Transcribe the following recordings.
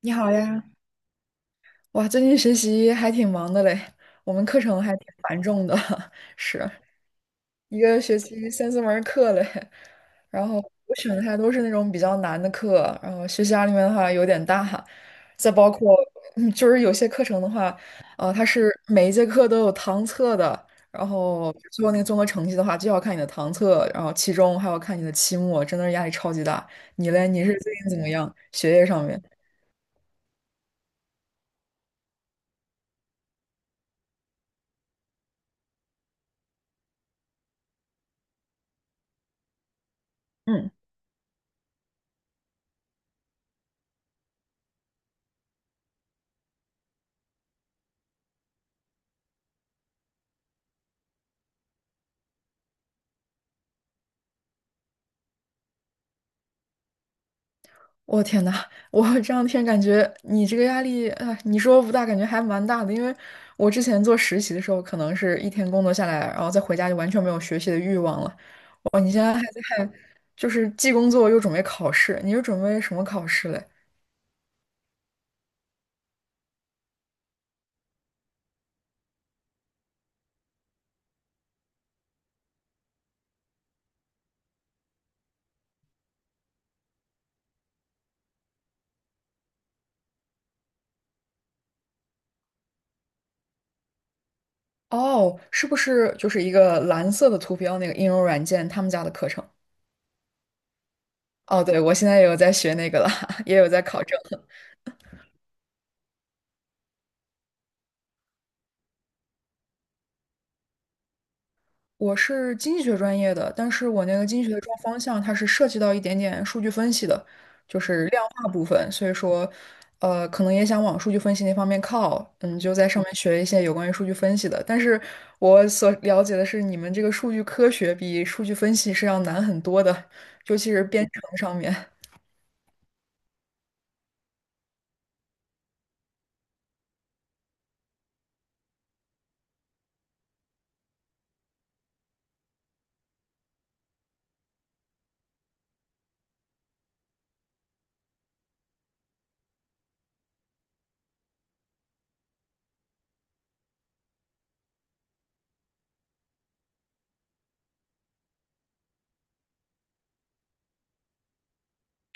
你好呀，哇，最近学习还挺忙的嘞，我们课程还挺繁重的，是一个学期三四门儿课嘞。然后我选的还都是那种比较难的课，然后学习压力面的话有点大。再包括，就是有些课程的话，它是每一节课都有堂测的，然后最后那个综合成绩的话，就要看你的堂测，然后期中还要看你的期末，真的是压力超级大。你嘞，你是最近怎么样？学业上面？嗯。我天呐，我这两天感觉你这个压力啊，你说不大，感觉还蛮大的。因为我之前做实习的时候，可能是一天工作下来，然后再回家就完全没有学习的欲望了。哦，你现在还在，就是既工作又准备考试，你是准备什么考试嘞？哦，是不是就是一个蓝色的图标那个应用软件他们家的课程？哦，对，我现在也有在学那个了，也有在考证。我是经济学专业的，但是我那个经济学的专方向它是涉及到一点点数据分析的，就是量化部分，所以说，可能也想往数据分析那方面靠，嗯，就在上面学一些有关于数据分析的。但是我所了解的是，你们这个数据科学比数据分析是要难很多的，尤其是编程上面。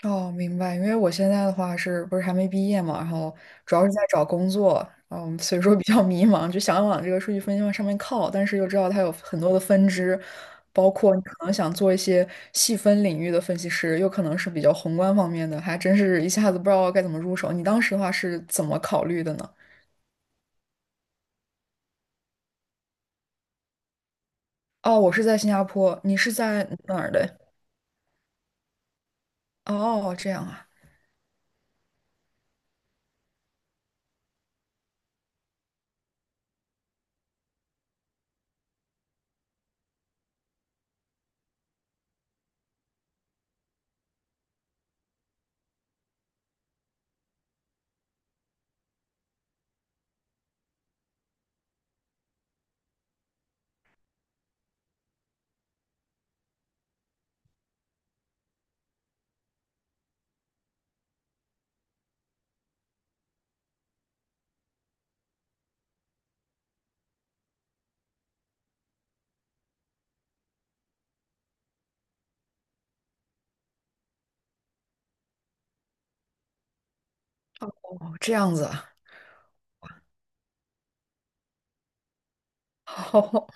哦，明白。因为我现在的话是不是还没毕业嘛，然后主要是在找工作，嗯，所以说比较迷茫，就想往这个数据分析往上面靠，但是又知道它有很多的分支，包括你可能想做一些细分领域的分析师，又可能是比较宏观方面的，还真是一下子不知道该怎么入手。你当时的话是怎么考虑的呢？哦，我是在新加坡，你是在哪儿的？哦，这样啊，哦，这样子啊。好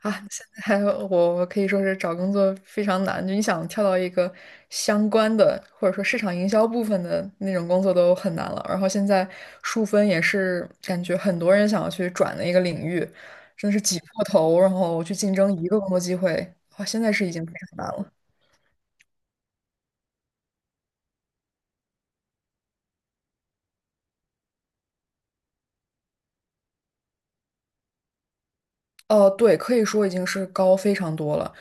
啊，现在我可以说是找工作非常难，就你想跳到一个相关的或者说市场营销部分的那种工作都很难了。然后现在数分也是感觉很多人想要去转的一个领域，真的是挤破头，然后去竞争一个工作机会，哇，现在是已经非常难了。哦，对，可以说已经是高非常多了。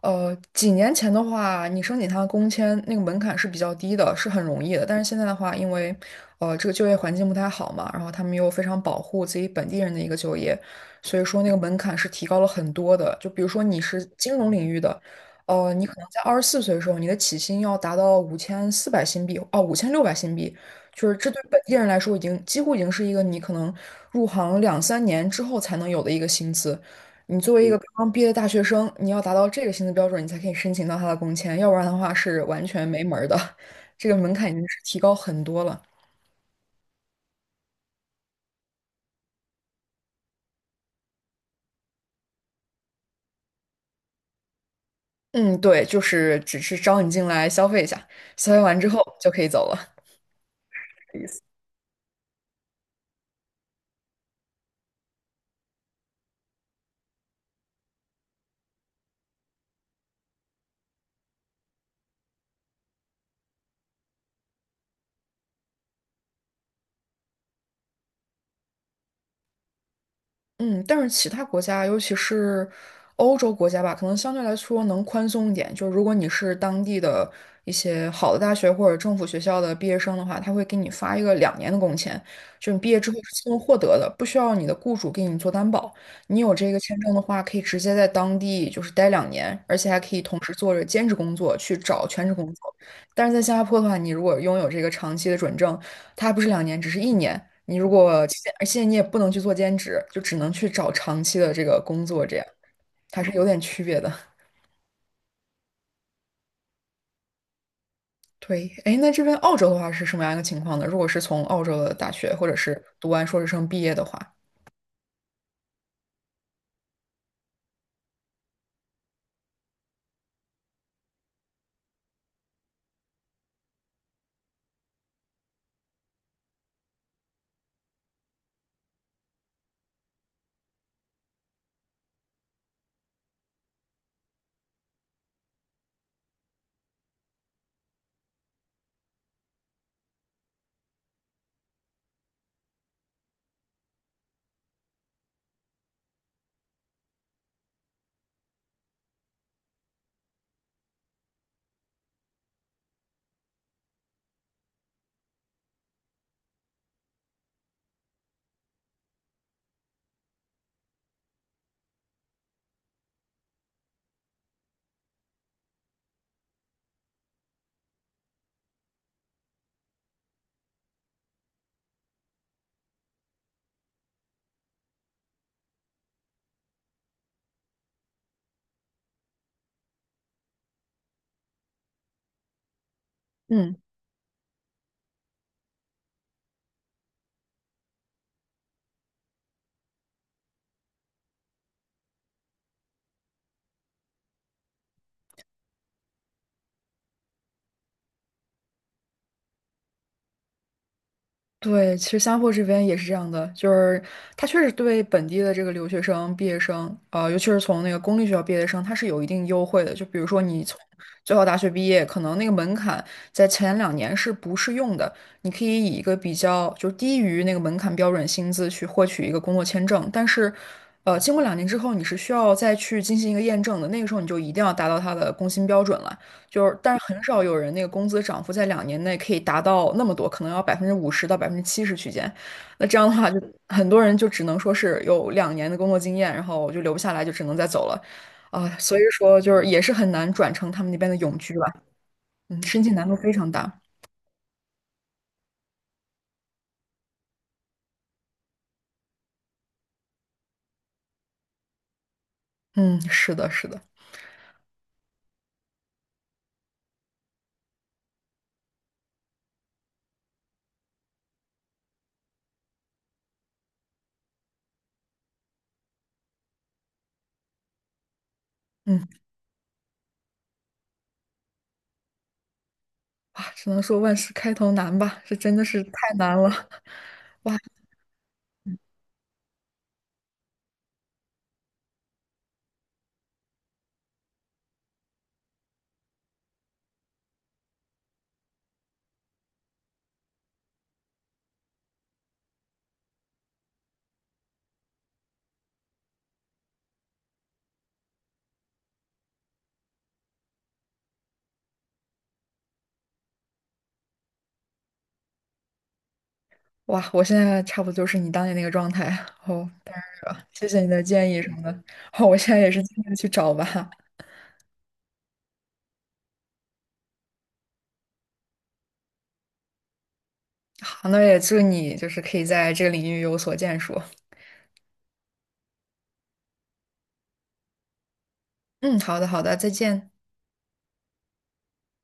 几年前的话，你申请他的工签那个门槛是比较低的，是很容易的。但是现在的话，因为这个就业环境不太好嘛，然后他们又非常保护自己本地人的一个就业，所以说那个门槛是提高了很多的。就比如说你是金融领域的，你可能在24岁的时候，你的起薪要达到5400新币，哦，5600新币，就是这对本地人来说已经几乎已经是一个你可能入行两三年之后才能有的一个薪资。你作为一个刚刚毕业的大学生，你要达到这个薪资标准，你才可以申请到他的工签，要不然的话是完全没门儿的。这个门槛已经是提高很多了。嗯，对，就是只是招你进来消费一下，消费完之后就可以走了。嗯，但是其他国家，尤其是欧洲国家吧，可能相对来说能宽松一点。就如果你是当地的一些好的大学或者政府学校的毕业生的话，他会给你发一个两年的工签，就你毕业之后是自动获得的，不需要你的雇主给你做担保。你有这个签证的话，可以直接在当地就是待两年，而且还可以同时做着兼职工作去找全职工作。但是在新加坡的话，你如果拥有这个长期的准证，它还不是两年，只是1年。你如果期间而且你也不能去做兼职，就只能去找长期的这个工作，这样还是有点区别的。对，哎，那这边澳洲的话是什么样一个情况呢？如果是从澳洲的大学或者是读完硕士生毕业的话，嗯。对，其实新加坡这边也是这样的，就是他确实对本地的这个留学生、毕业生，尤其是从那个公立学校毕业生，他是有一定优惠的。就比如说你从最好大学毕业，可能那个门槛在前两年是不适用的，你可以以一个比较就是低于那个门槛标准薪资去获取一个工作签证，但是，经过两年之后，你是需要再去进行一个验证的，那个时候你就一定要达到他的工薪标准了。就是，但是很少有人那个工资涨幅在两年内可以达到那么多，可能要50%到70%区间。那这样的话就，很多人就只能说是有两年的工作经验，然后就留不下来，就只能再走了。所以说就是也是很难转成他们那边的永居吧。嗯，申请难度非常大。嗯，是的，是的。嗯，哇，只能说万事开头难吧，这真的是太难了。哇哇，我现在差不多就是你当年那个状态哦。谢谢你的建议什么的。好我现在也是尽力去找吧。好，那也祝你就是可以在这个领域有所建树。嗯，好的，好的，再见。